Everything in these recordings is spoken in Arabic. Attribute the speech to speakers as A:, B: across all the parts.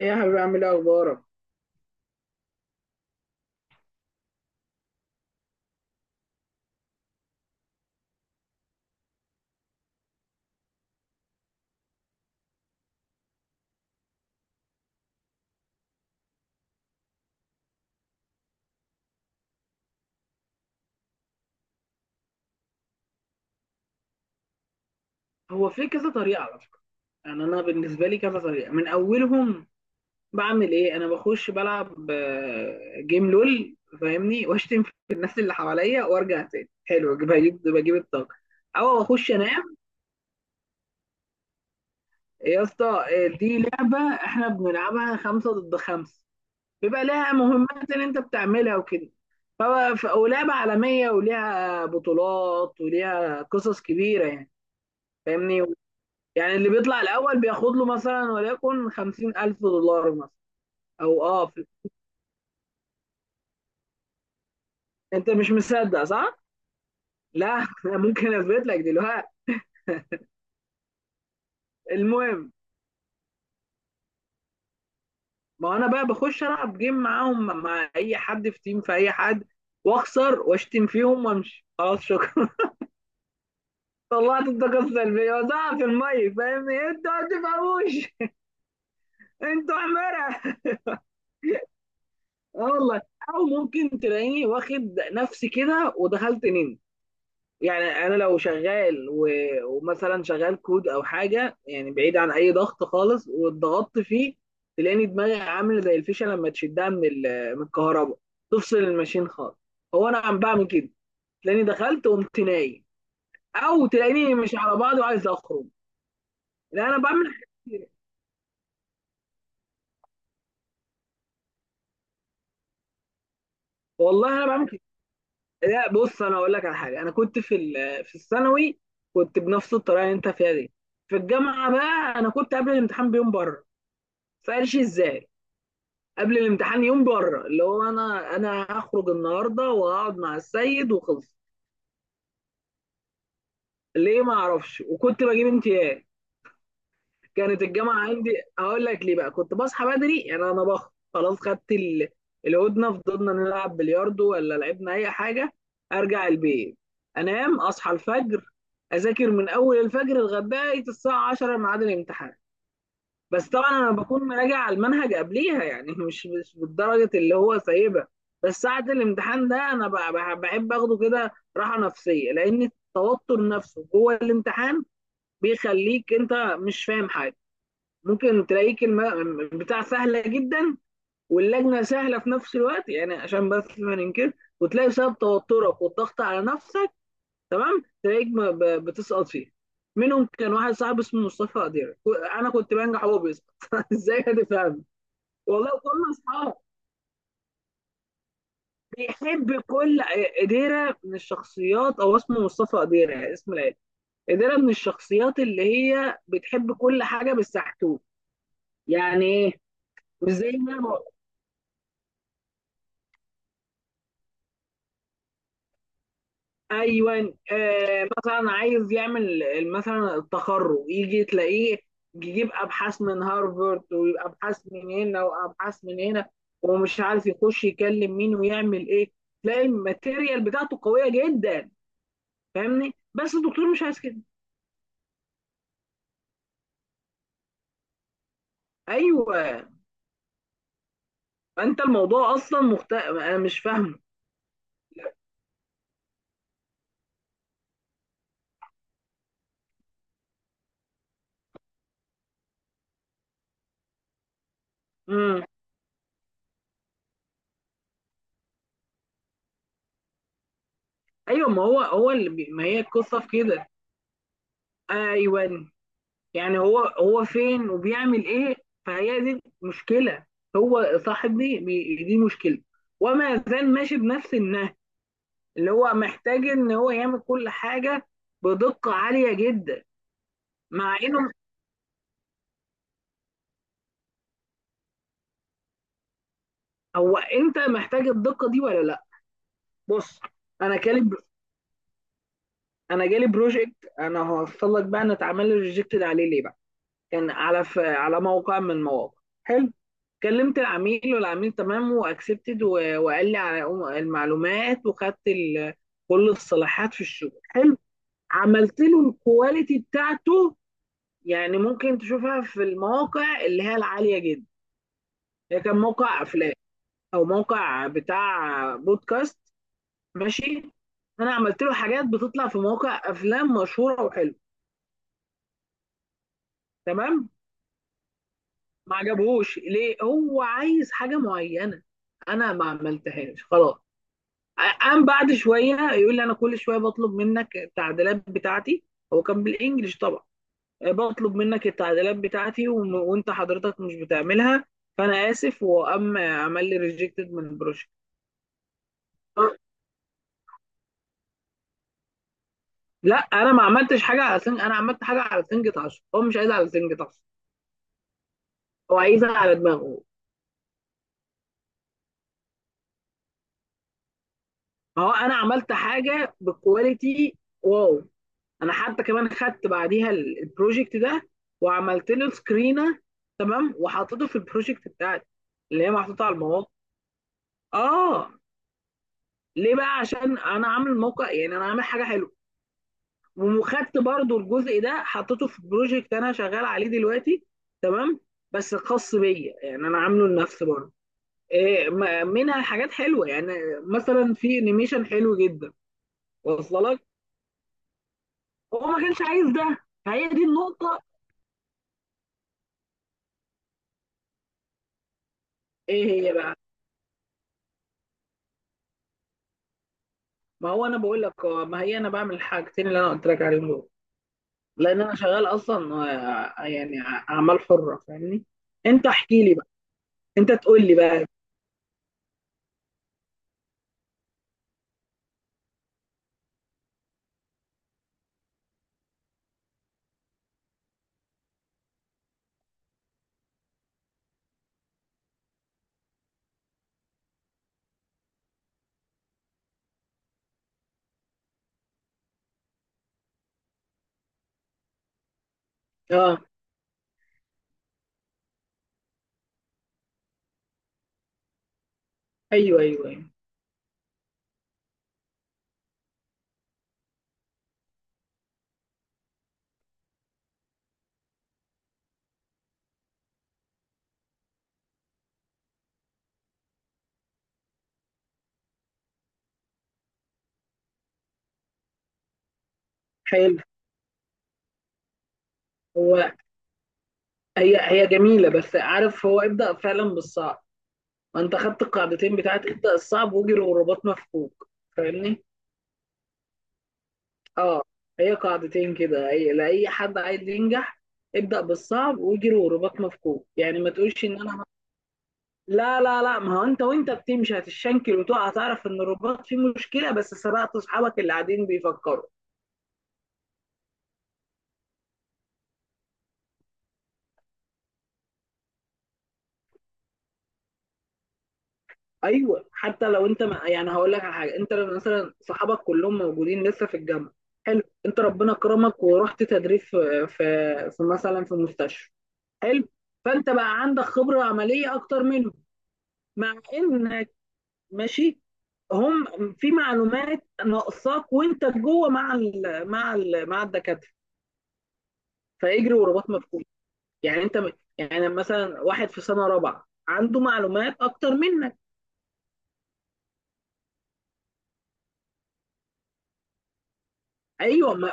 A: ايه يا حبيبي، عامل ايه؟ اخبارك. هو في كذا طريقه على فكره. يعني انا بالنسبه لي كذا طريقه من اولهم. بعمل ايه؟ انا بخش بلعب جيم لول. فاهمني، واشتم في الناس اللي حواليا وارجع تاني حلو، بجيب الطاقه. او اخش انام. إيه يا اسطى، دي لعبه احنا بنلعبها خمسه ضد خمسه، بيبقى لها مهمات اللي انت بتعملها وكده. ولعبه عالميه وليها بطولات وليها قصص كبيره يعني. فاهمني. يعني اللي بيطلع الأول بياخد له مثلا، وليكن 50,000 دولار مثلا. أو أه في- أنت مش مصدق، صح؟ لا، أنا ممكن أثبت لك دلوقتي. المهم، ما أنا بقى بخش ألعب جيم معاهم، مع أي حد في تيم، في أي حد، وأخسر وأشتم فيهم وأمشي، خلاص شكرا. طلعت الطاقة السلبية، وزعها في المية. فاهمني؟ أنتوا ما بتفهموش. أنتوا حمارة. اه والله. أو ممكن تلاقيني واخد نفسي كده ودخلت نيم. يعني انا لو شغال، و... ومثلا شغال كود او حاجه، يعني بعيد عن اي ضغط خالص واتضغطت فيه، تلاقيني دماغي عامله زي الفيشه لما تشدها من الكهرباء، تفصل الماشين خالص. هو انا عم بعمل كده. تلاقيني دخلت وقمت نايم، او تلاقيني مش على بعض وعايز اخرج. لا، انا بعمل حاجات كتير، والله انا بعمل كده. لا، بص انا اقول لك على حاجه. انا كنت في الثانوي كنت بنفس الطريقه اللي انت فيها دي. في الجامعه بقى، انا كنت قبل الامتحان بيوم بره. فقالش ازاي؟ قبل الامتحان يوم بره، اللي هو انا هخرج النهارده وهقعد مع السيد وخلص. ليه؟ ما اعرفش، وكنت بجيب امتياز. كانت الجامعه عندي. هقول لك ليه بقى. كنت بصحى بدري. يعني انا خلاص خدت الهدنه، فضلنا نلعب بلياردو ولا لعبنا اي حاجه، ارجع البيت، انام، اصحى الفجر، اذاكر من اول الفجر لغايه الساعه 10 ميعاد الامتحان. بس طبعا انا بكون مراجع على المنهج قبليها، يعني مش بالدرجه اللي هو سايبها. بس ساعه الامتحان ده، انا بحب اخده كده راحه نفسيه، لان التوتر نفسه جوه الامتحان بيخليك انت مش فاهم حاجه. ممكن تلاقيك بتاع سهله جدا، واللجنه سهله في نفس الوقت، يعني عشان بس ما ننكر، وتلاقي بسبب توترك والضغط على نفسك، تمام، تلاقيك بتسقط فيه. منهم كان واحد صاحبي اسمه مصطفى قدير، انا كنت بنجح وهو بيسقط. ازاي هتفهم؟ والله كل اصحاب بيحب كل. قديرة من الشخصيات، او اسمه مصطفى قديرة، اسم العيله. قديرة من الشخصيات اللي هي بتحب كل حاجه بالسحتوت. يعني ايه؟ مش زي ما، ايوه، آه مثلا عايز يعمل مثلا التخرج، يجي تلاقيه يجيب ابحاث من هارفارد، ويبقى ابحاث من هنا وابحاث من هنا، ومش عارف يخش يكلم مين ويعمل ايه. تلاقي الماتيريال بتاعته قويه جدا، فاهمني، بس الدكتور مش عايز كده. ايوه. انت الموضوع اصلا انا مش فاهمه. امم. ايوه، ما هو هو اللي ما هي القصه في كده. ايوه. يعني هو هو فين وبيعمل ايه؟ فهي دي مشكله، هو صاحب دي مشكله، وما زال ماشي بنفس النهج، اللي هو محتاج ان هو يعمل كل حاجه بدقه عاليه جدا، مع انه، هو انت محتاج الدقه دي ولا لا؟ بص، انا جالي انا جالي بروجكت، انا هوصل لك بقى، انا اتعمل لي ريجكتد عليه، ليه بقى. كان على موقع من المواقع. حلو. كلمت العميل، والعميل تمام، واكسبتد، و... وقال لي على المعلومات، وخدت كل الصلاحات في الشغل. حلو. عملت له الكواليتي بتاعته، يعني ممكن تشوفها في المواقع اللي هي العالية جدا. هي كان موقع افلام او موقع بتاع بودكاست، ماشي. انا عملت له حاجات بتطلع في مواقع افلام مشهورة وحلوة. تمام. ما عجبهوش. ليه؟ هو عايز حاجه معينه انا ما عملتهاش، خلاص. قام بعد شويه يقول لي: انا كل شويه بطلب منك التعديلات بتاعتي. هو كان بالانجلش طبعا. بطلب منك التعديلات بتاعتي وانت حضرتك مش بتعملها، فانا اسف. وقام عمل لي ريجكتد من البروجكت. لا، انا ما عملتش حاجه على سنج، انا عملت حاجه على سنجة عشرة، هو مش عايزها على سنجة عشرة، هو عايزها على دماغه. ما هو انا عملت حاجه بكواليتي، واو. انا حتى كمان خدت بعديها البروجكت ده، وعملت له سكرينه، تمام، وحطيته في البروجكت بتاعتي اللي هي محطوطه على المواقع. اه. ليه بقى؟ عشان انا عامل موقع، يعني انا عامل حاجه حلوه. وخدت برضو الجزء ده حطيته في بروجكت انا شغال عليه دلوقتي، تمام، بس خاص بيا، يعني انا عامله لنفسي برضه. إيه منها حاجات حلوه، يعني مثلا في انيميشن حلو جدا، واصله لك. هو ما كانش عايز ده، فهي دي النقطه. ايه هي بقى؟ ما هو انا بقول لك ما هي انا بعمل الحاجتين اللي انا قلت لك عليهم دول، لان انا شغال اصلا، يعني اعمال حره، فاهمني. انت احكي لي بقى، انت تقول لي بقى. اه. ايوه ايوه ايوه. حلو. هو هي هي جميله، بس عارف، هو ابدا فعلا بالصعب. ما انت خدت القاعدتين بتاعت ابدا الصعب، واجري والرباط مفكوك. فاهمني. اه. هي قاعدتين كده، هي لاي حد عايز ينجح: ابدا بالصعب، واجري والرباط مفكوك. يعني ما تقولش ان انا، لا لا لا، ما هو انت وانت بتمشي هتشنكل وتقع، هتعرف ان الرباط فيه مشكله، بس سبقت اصحابك اللي قاعدين بيفكروا. ايوه، حتى لو انت ما، يعني هقول لك على حاجه، انت لو مثلا صحابك كلهم موجودين لسه في الجامعه، حلو، انت ربنا كرمك ورحت تدريب في مثلا في مستشفى، حلو، فانت بقى عندك خبره عمليه اكتر منهم، مع انك، ماشي، هم في معلومات ناقصاك وانت جوه مع الدكاتره، فاجري ورباط مفكوك. يعني انت يعني مثلا واحد في سنه رابعه عنده معلومات اكتر منك. ايوه.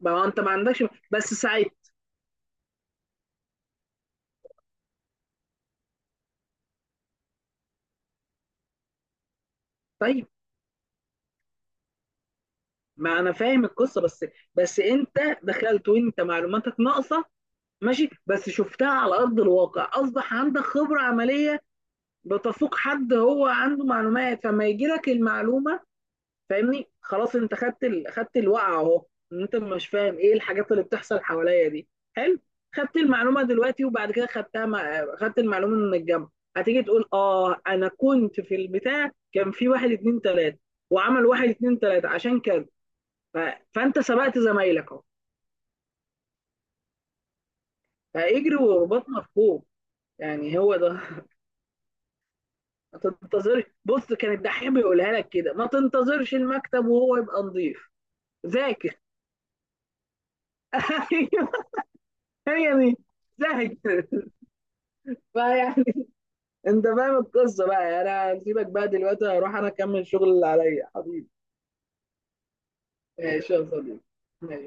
A: ما هو انت ما عندكش، بس ساعتها. طيب، ما انا فاهم القصه، بس، بس انت دخلت وانت معلوماتك ناقصه، ماشي، بس شفتها على ارض الواقع، اصبح عندك خبره عمليه بتفوق حد هو عنده معلومات، فما يجي لك المعلومه، فاهمني، خلاص. انت خدت خدت الوقعه اهو، ان انت مش فاهم ايه الحاجات اللي بتحصل حواليا دي، حلو. خدت المعلومه دلوقتي، وبعد كده خدتها خدت المعلومه من الجامعه، هتيجي تقول: اه انا كنت في البتاع، كان في واحد اتنين تلاته، وعمل واحد اتنين تلاته عشان كده، ف... فانت سبقت زمايلك اهو، فاجري ورباطنا في فوق. يعني هو ده. ما تنتظرش. بص، كان الدحيح بيقولها لك كده: ما تنتظرش المكتب وهو يبقى نظيف، ذاكر. ايوه، هي دي، ذاكر بقى، يعني. انت فاهم القصه بقى يعني، انا هسيبك بقى دلوقتي، اروح انا اكمل شغل اللي عليا، حبيبي. ماشي يا صديقي. ماشي.